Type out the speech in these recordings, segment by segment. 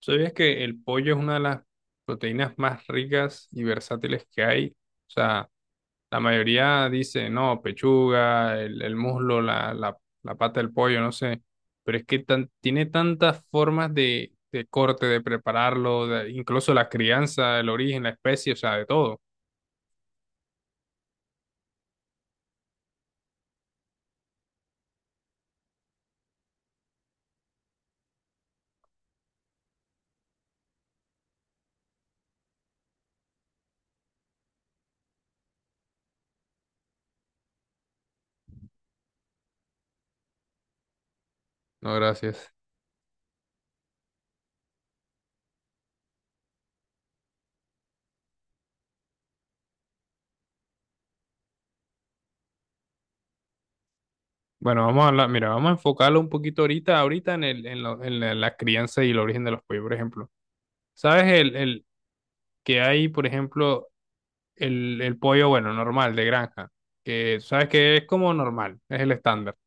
¿Sabías que el pollo es una de las proteínas más ricas y versátiles que hay? O sea, la mayoría dice, no, pechuga, el muslo, la pata del pollo, no sé. Pero es que tiene tantas formas de corte, de prepararlo, incluso la crianza, el origen, la especie, o sea, de todo. No, gracias. Bueno, vamos a hablar, mira, vamos a enfocarlo un poquito ahorita en el, en lo- en la, la crianza y el origen de los pollos, por ejemplo. ¿Sabes el que hay, por ejemplo? El pollo, bueno, normal, de granja, que sabes que es como normal, es el estándar.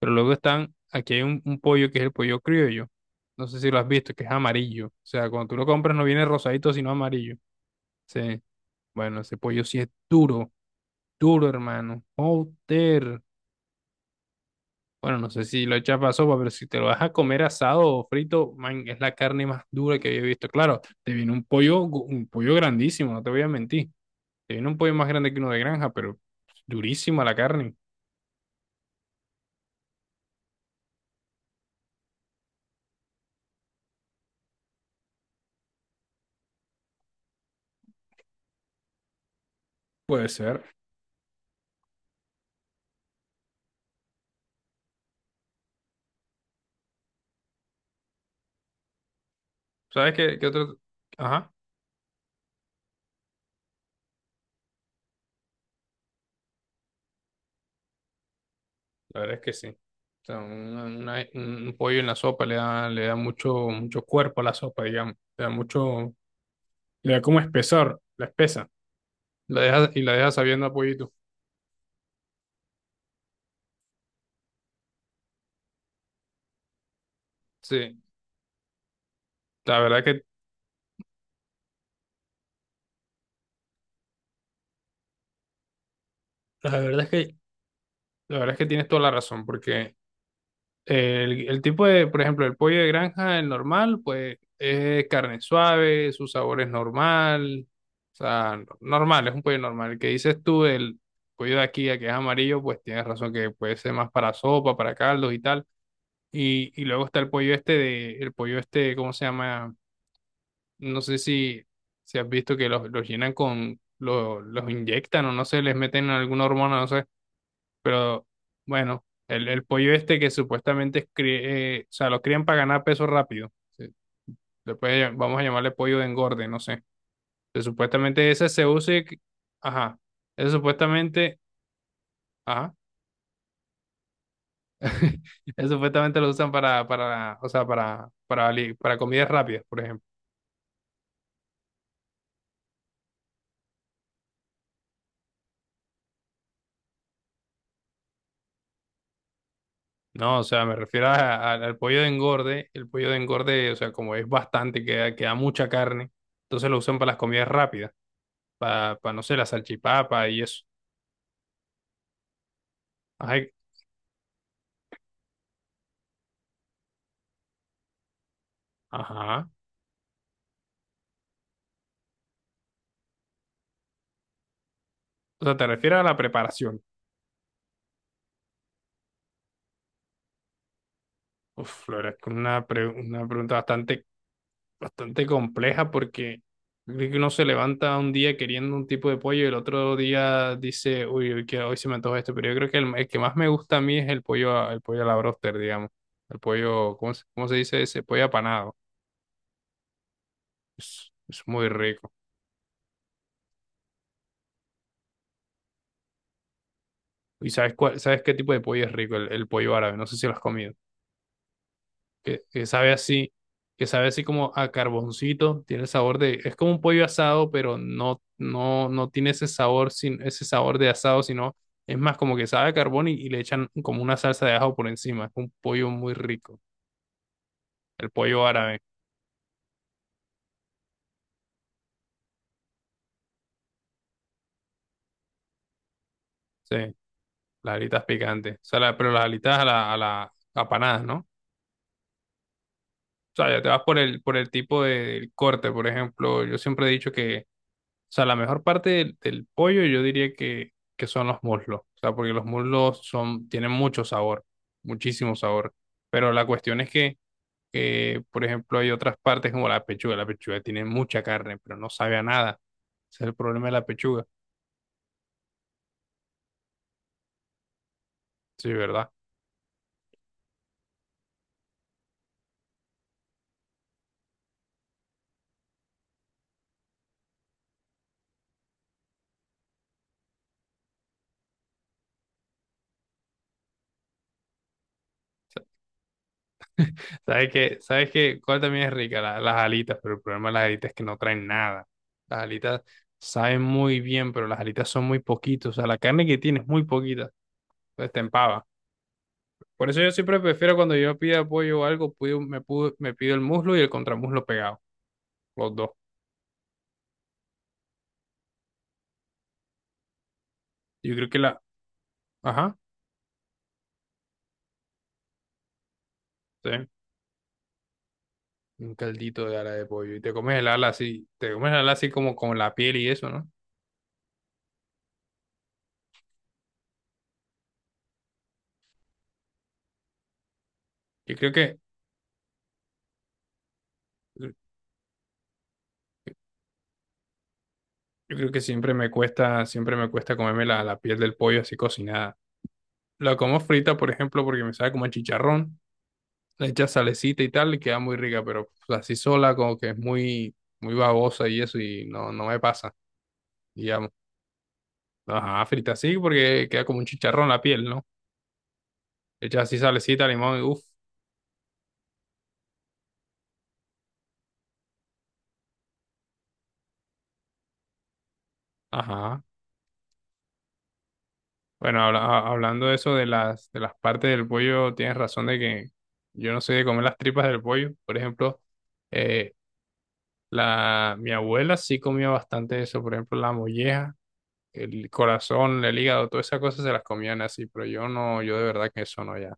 Pero luego están, aquí hay un pollo que es el pollo criollo. No sé si lo has visto, que es amarillo. O sea, cuando tú lo compras no viene rosadito, sino amarillo. Sí. Bueno, ese pollo sí es duro, duro, hermano. Joder. Bueno, no sé si lo echas para sopa, pero si te lo vas a comer asado o frito, man, es la carne más dura que había visto. Claro, te viene un pollo, un pollo grandísimo, no te voy a mentir. Tiene un pollo más grande que uno de granja, pero durísima la carne. Puede ser. ¿Sabes qué, qué otro? Ajá, la verdad es que sí. O sea, un pollo en la sopa le da mucho, mucho cuerpo a la sopa, digamos. Le da mucho, le da como espesor, la espesa. La deja, y la deja sabiendo a pollito. Sí, la verdad que, la verdad es que, la verdad es que tienes toda la razón, porque el tipo de, por ejemplo, el pollo de granja, el normal, pues es carne suave, su sabor es normal, o sea, normal, es un pollo normal. El que dices tú, el pollo de aquí, el que es amarillo, pues tienes razón que puede ser más para sopa, para caldos y tal. Y luego está el pollo este, ¿cómo se llama? No sé si has visto que los llenan los inyectan o no sé, les meten alguna hormona, no sé. Pero bueno, el pollo este que supuestamente es o sea, lo crían para ganar peso rápido. Vamos a llamarle pollo de engorde, no sé. Que supuestamente ese se usa, y ajá, ese supuestamente, ajá, ese supuestamente lo usan para, o sea, para comidas rápidas, por ejemplo. No, o sea, me refiero al pollo de engorde. El pollo de engorde, o sea, como es bastante, queda mucha carne, entonces lo usan para las comidas rápidas, no sé, la salchipapa y eso. Ajá, ajá. O sea, te refieres a la preparación. Uf, la verdad es que una pregunta bastante, bastante compleja porque yo creo que uno se levanta un día queriendo un tipo de pollo y el otro día dice, uy, hoy se me antoja esto, pero yo creo que el que más me gusta a mí es el pollo a la broster, digamos. El pollo, ¿cómo se dice ese? Pollo apanado. Es muy rico. ¿Y sabes qué tipo de pollo es rico? El pollo árabe. No sé si lo has comido. Que sabe así, que sabe así como a carboncito, tiene el sabor de, es como un pollo asado, pero no, no, no tiene ese sabor, sin, ese sabor de asado, sino es más como que sabe a carbón y le echan como una salsa de ajo por encima, es un pollo muy rico, el pollo árabe, sí, las alitas picantes, o sea, pero las alitas a la apanadas, ¿no? O sea, ya te vas por el tipo del corte, por ejemplo, yo siempre he dicho que, o sea, la mejor parte del pollo yo diría que son los muslos. O sea, porque los muslos tienen mucho sabor, muchísimo sabor. Pero la cuestión es que, por ejemplo, hay otras partes como la pechuga. La pechuga tiene mucha carne, pero no sabe a nada. Ese es el problema de la pechuga. Sí, ¿verdad? ¿Sabes qué? ¿Sabes qué? ¿Cuál también es rica? Las alitas, pero el problema de las alitas es que no traen nada. Las alitas saben muy bien, pero las alitas son muy poquitos. O sea, la carne que tiene es muy poquita. Entonces te empava. Por eso yo siempre prefiero cuando yo pido apoyo o algo, me pido el muslo y el contramuslo pegado, los dos. Yo creo que la, Ajá, sí, un caldito de ala de pollo y te comes el ala así, te comes el ala así como con la piel y eso, ¿no? Yo creo que, yo creo que siempre me cuesta comerme la piel del pollo así cocinada. La como frita, por ejemplo, porque me sabe como a chicharrón, le echas salecita y tal, y queda muy rica, pero pues, así sola como que es muy, muy babosa y eso y no, no me pasa. Y ya Ajá, frita así porque queda como un chicharrón la piel, ¿no? Hecha así salecita, limón y uff. Ajá. Bueno, hablando de eso de las partes del pollo, tienes razón de que yo no soy de comer las tripas del pollo. Por ejemplo, eh, mi abuela sí comía bastante eso. Por ejemplo, la molleja, el corazón, el hígado, todas esas cosas se las comían así, pero yo no, yo de verdad que eso no ya.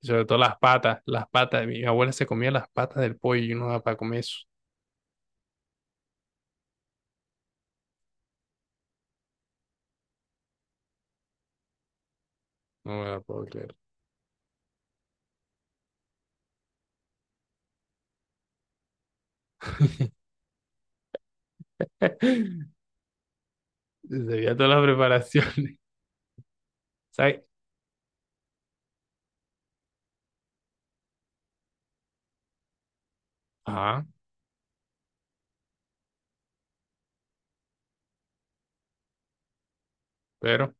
Y sobre todo las patas, las patas. Mi abuela se comía las patas del pollo y yo no da para comer eso. No me la puedo creer. Debía todas las preparaciones. ¿Sabes? Ajá, pero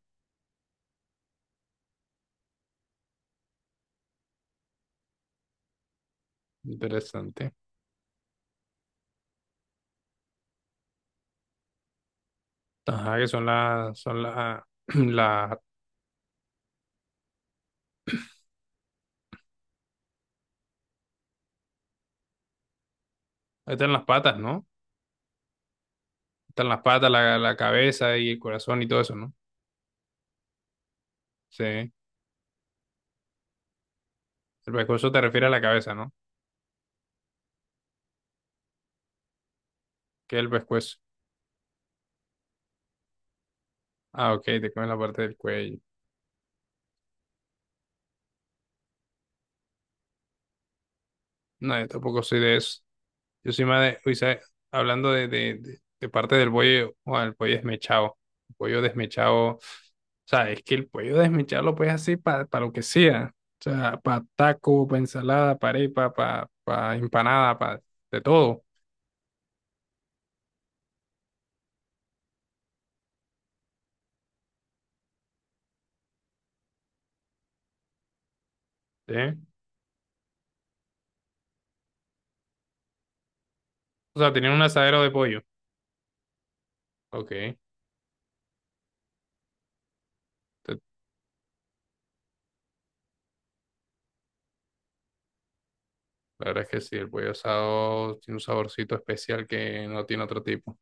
interesante. Ajá, que son las, están las patas, ¿no? Están las patas, la cabeza y el corazón y todo eso, ¿no? Sí. El pescuezo te refiere a la cabeza, ¿no? ¿Qué es el pescuezo? Ah, ok, te comes la parte del cuello. No, yo tampoco soy de eso. Yo soy más de, uy, ¿sabes? Hablando de parte del pollo, o el pollo desmechado. El pollo desmechado, o sea, es que el pollo desmechado lo puedes hacer para lo que sea. O sea, para taco, para ensalada, para arepa, para empanada, para de todo. ¿Sí? O sea, tiene un asadero de pollo. Ok. La verdad es que sí, el pollo asado tiene un saborcito especial que no tiene otro tipo.